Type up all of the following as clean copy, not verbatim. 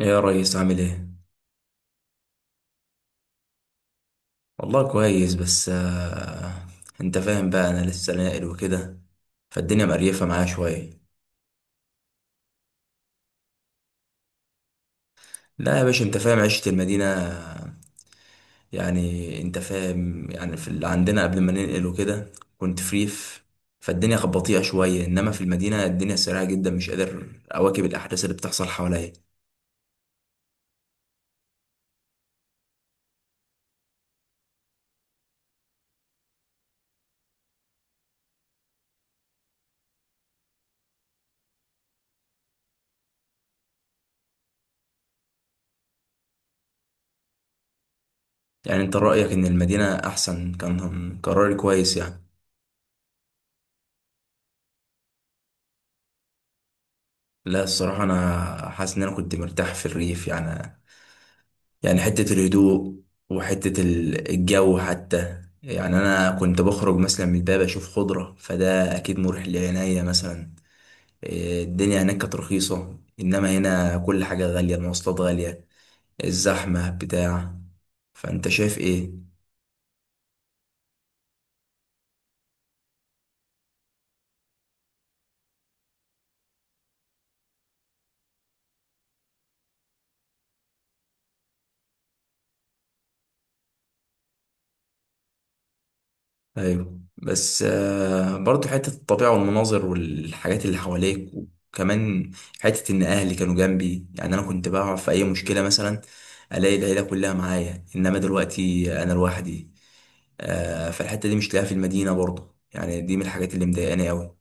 ايه يا ريس؟ عامل ايه؟ والله كويس، بس انت فاهم بقى، انا لسه ناقل وكده، فالدنيا مقريفه معايا شويه. لا يا باشا، انت فاهم عيشه المدينه، يعني انت فاهم، يعني في اللي عندنا قبل ما ننقل وكده، كنت فريف، فالدنيا كانت بطيئه شويه، انما في المدينه الدنيا سريعه جدا، مش قادر اواكب الاحداث اللي بتحصل حواليا. يعني انت رايك ان المدينه احسن؟ كان قراري كويس يعني؟ لا، الصراحه انا حاسس ان انا كنت مرتاح في الريف يعني. يعني حتة الهدوء، وحتة الجو حتى، يعني أنا كنت بخرج مثلا من الباب، أشوف خضرة، فده أكيد مريح لعينيا مثلا. إيه، الدنيا هناك كانت رخيصة، إنما هنا كل حاجة غالية، المواصلات غالية، الزحمة بتاع. فأنت شايف إيه؟ ايوه، بس برضو حته الطبيعه والمناظر والحاجات اللي حواليك، وكمان حته ان اهلي كانوا جنبي، يعني انا كنت بقع في اي مشكله مثلا، الاقي العيله كلها معايا، انما دلوقتي انا لوحدي. فالحته دي مش لاقيها في المدينه برضو، يعني دي من الحاجات اللي مضايقاني قوي.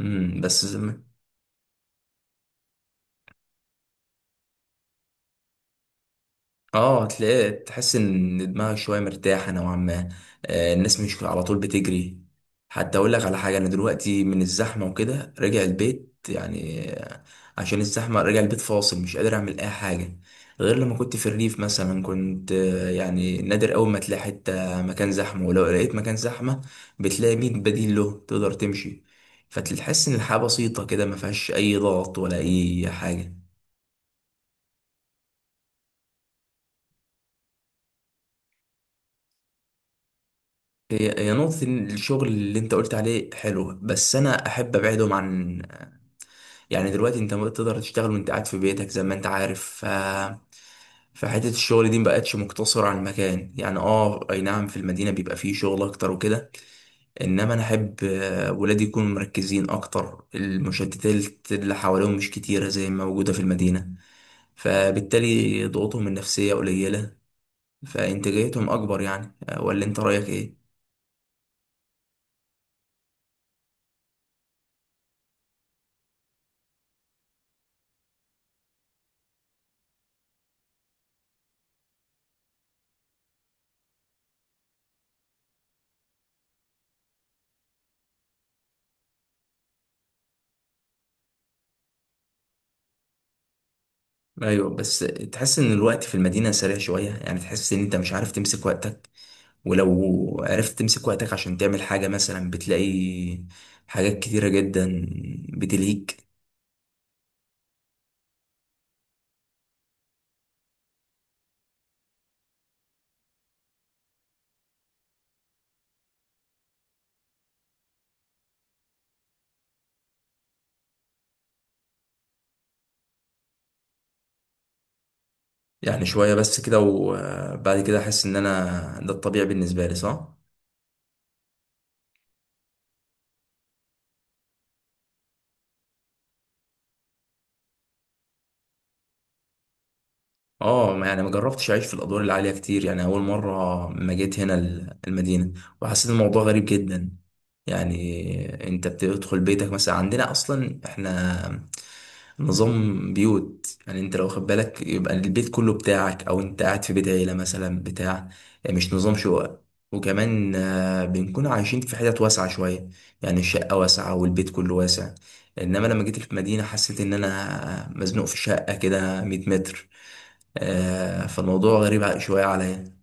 بس، اه، تلاقي تحس ان دماغك شويه مرتاحه نوعا ما. الناس مش على طول بتجري. حتى اقول لك على حاجه، انا دلوقتي من الزحمه وكده راجع البيت، يعني عشان الزحمه راجع البيت فاصل، مش قادر اعمل اي حاجه. غير لما كنت في الريف مثلا، كنت يعني نادر اول ما تلاقي حته مكان زحمه، ولو لقيت مكان زحمه، بتلاقي مين بديل له تقدر تمشي، فتحس ان الحياه بسيطه كده، ما فيهاش اي ضغط ولا اي حاجه. هي هي نقطة إن الشغل اللي انت قلت عليه حلو، بس انا احب ابعدهم عن، يعني دلوقتي انت ما تقدر تشتغل وانت قاعد في بيتك زي ما انت عارف، فحتة الشغل دي مبقتش مقتصرة على المكان، يعني اه اي نعم، في المدينة بيبقى فيه شغل اكتر وكده، انما انا احب ولادي يكونوا مركزين اكتر، المشتتات اللي حواليهم مش كتيرة زي ما موجودة في المدينة، فبالتالي ضغوطهم النفسية قليلة، فانتاجيتهم اكبر، يعني ولا انت رأيك ايه؟ ايوه، بس تحس ان الوقت في المدينه سريع شويه، يعني تحس ان انت مش عارف تمسك وقتك، ولو عرفت تمسك وقتك عشان تعمل حاجه مثلا، بتلاقي حاجات كتيره جدا بتلهيك. يعني شويه بس كده، وبعد كده احس ان انا ده الطبيعي بالنسبه لي، صح؟ اه، يعني ما جربتش اعيش في الادوار العاليه كتير، يعني اول مره ما جيت هنا المدينه، وحسيت الموضوع غريب جدا. يعني انت بتدخل بيتك مثلا، عندنا اصلا احنا نظام بيوت، يعني انت لو واخد بالك يبقى البيت كله بتاعك، او انت قاعد في بيت عيله مثلا بتاع، يعني مش نظام شقق. وكمان بنكون عايشين في حتت واسعه شويه، يعني الشقه واسعه والبيت كله واسع. انما لما جيت المدينه، حسيت ان انا مزنوق في شقه كده 100 متر. فالموضوع غريب شوية عليا.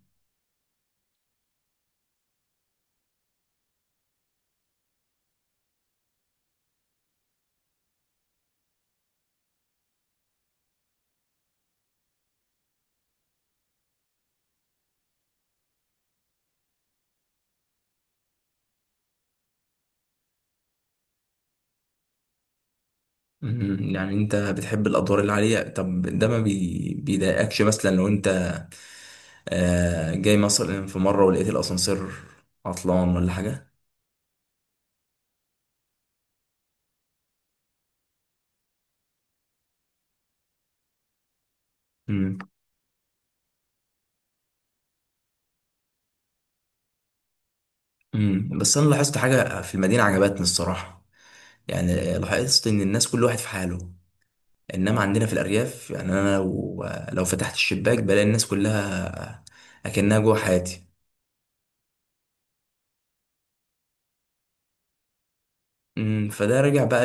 يعني انت بتحب الادوار اللي عليها. طب ده ما بيضايقكش مثلا لو انت جاي مثلا في مرة ولقيت الاسانسير عطلان ولا حاجة؟ مم. مم. بس انا لاحظت حاجة في المدينة عجبتني الصراحة، يعني لاحظت ان الناس كل واحد في حاله، انما عندنا في الارياف، يعني انا لو فتحت الشباك بلاقي الناس كلها اكنها جوه حياتي. مم. فده رجع بقى.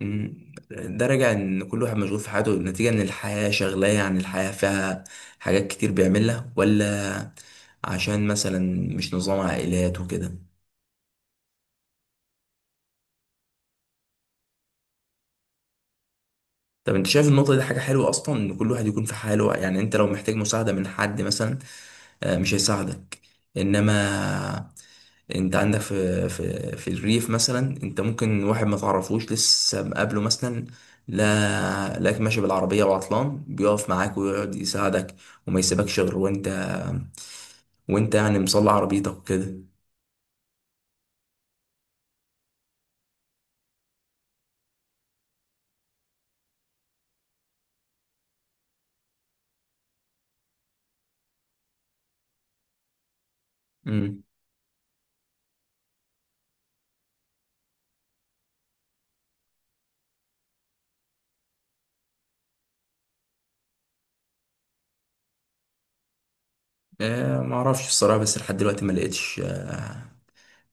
مم. ده راجع ان كل واحد مشغول في حياته، نتيجة ان الحياة شغلاه، يعني الحياة فيها حاجات كتير بيعملها، ولا عشان مثلا مش نظام عائلات وكده. طب انت شايف النقطة دي حاجة حلوة اصلا، ان كل واحد يكون في حاله؟ يعني انت لو محتاج مساعدة من حد مثلا مش هيساعدك. انما انت عندك في الريف مثلا، انت ممكن واحد ما تعرفوش لسه مقابله مثلا، لا لاك ماشي بالعربية وعطلان، بيقف معاك ويقعد يساعدك، وما يسيبكش غير وانت يعني مصلي عربيتك وكده. امم ما اعرفش الصراحة، بس لحد دلوقتي ما لقيتش آه،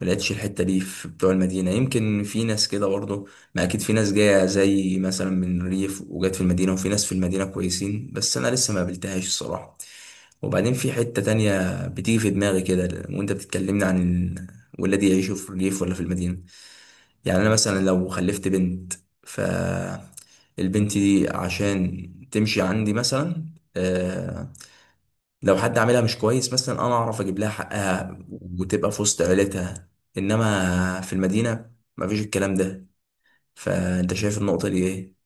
ما لقيتش الحته دي في بتوع المدينه، يمكن في ناس كده برضه، ما اكيد في ناس جايه زي مثلا من الريف وجات في المدينه، وفي ناس في المدينه كويسين، بس انا لسه ما قابلتهاش الصراحه. وبعدين في حته تانية بتيجي في دماغي كده وانت بتتكلمني عن ولادي يعيشوا في الريف ولا في المدينه. يعني انا مثلا لو خلفت بنت، ف البنت دي عشان تمشي عندي مثلا آه، لو حد عاملها مش كويس مثلا، انا اعرف اجيب لها حقها وتبقى في وسط عيلتها. انما في المدينه مفيش الكلام ده. فانت شايف النقطه دي ايه؟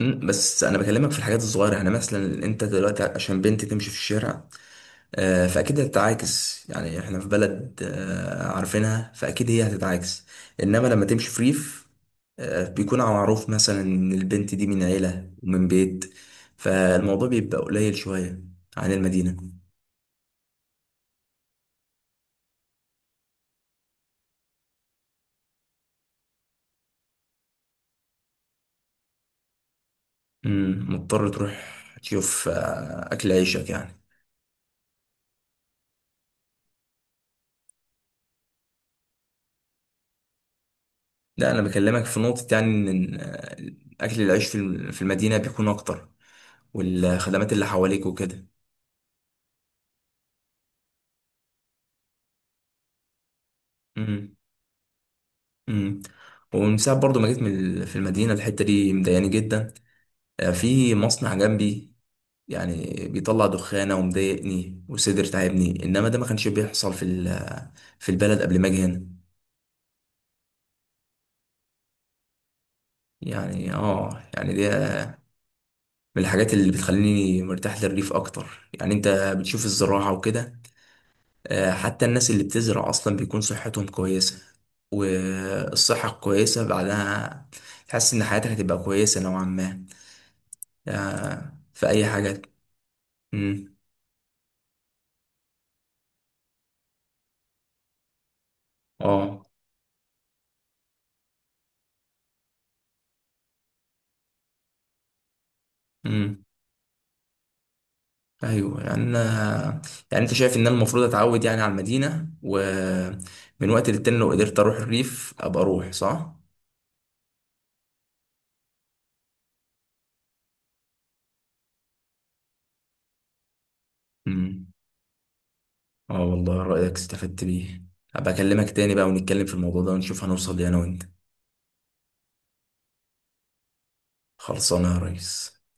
بس انا بكلمك في الحاجات الصغيره، يعني مثلا انت دلوقتي عشان بنت تمشي في الشارع فاكيد هتتعاكس، يعني احنا في بلد عارفينها، فاكيد هي هتتعاكس. انما لما تمشي في ريف بيكون معروف مثلا ان البنت دي من عيله ومن بيت، فالموضوع بيبقى قليل شويه عن المدينه. مضطر تروح تشوف اكل عيشك يعني. لا، انا بكلمك في نقطة، يعني ان اكل العيش في في المدينة بيكون اكتر، والخدمات اللي حواليك وكده. امم امم ومن ساعة برضو ما جيت من في المدينة، الحتة دي مضايقاني جدا. في مصنع جنبي، يعني بيطلع دخانة ومضايقني، وصدر تعبني. انما ده ما كانش بيحصل في في البلد قبل ما اجي هنا. يعني اه، يعني دي من الحاجات اللي بتخليني مرتاح للريف اكتر، يعني انت بتشوف الزراعة وكده. حتى الناس اللي بتزرع اصلا بيكون صحتهم كويسة، والصحة كويسة بعدها، تحس ان حياتك هتبقى كويسة نوعا ما في اي حاجة. امم. اه. امم. ايوه، يعني يعني انت شايف ان انا المفروض اتعود يعني على المدينة، ومن وقت للتاني لو قدرت اروح الريف ابقى اروح، صح؟ امم. اه والله، رأيك استفدت بيه. هبقى اكلمك تاني بقى، ونتكلم في الموضوع ده، ونشوف هنوصل ليه انا وانت. خلصانه يا ريس.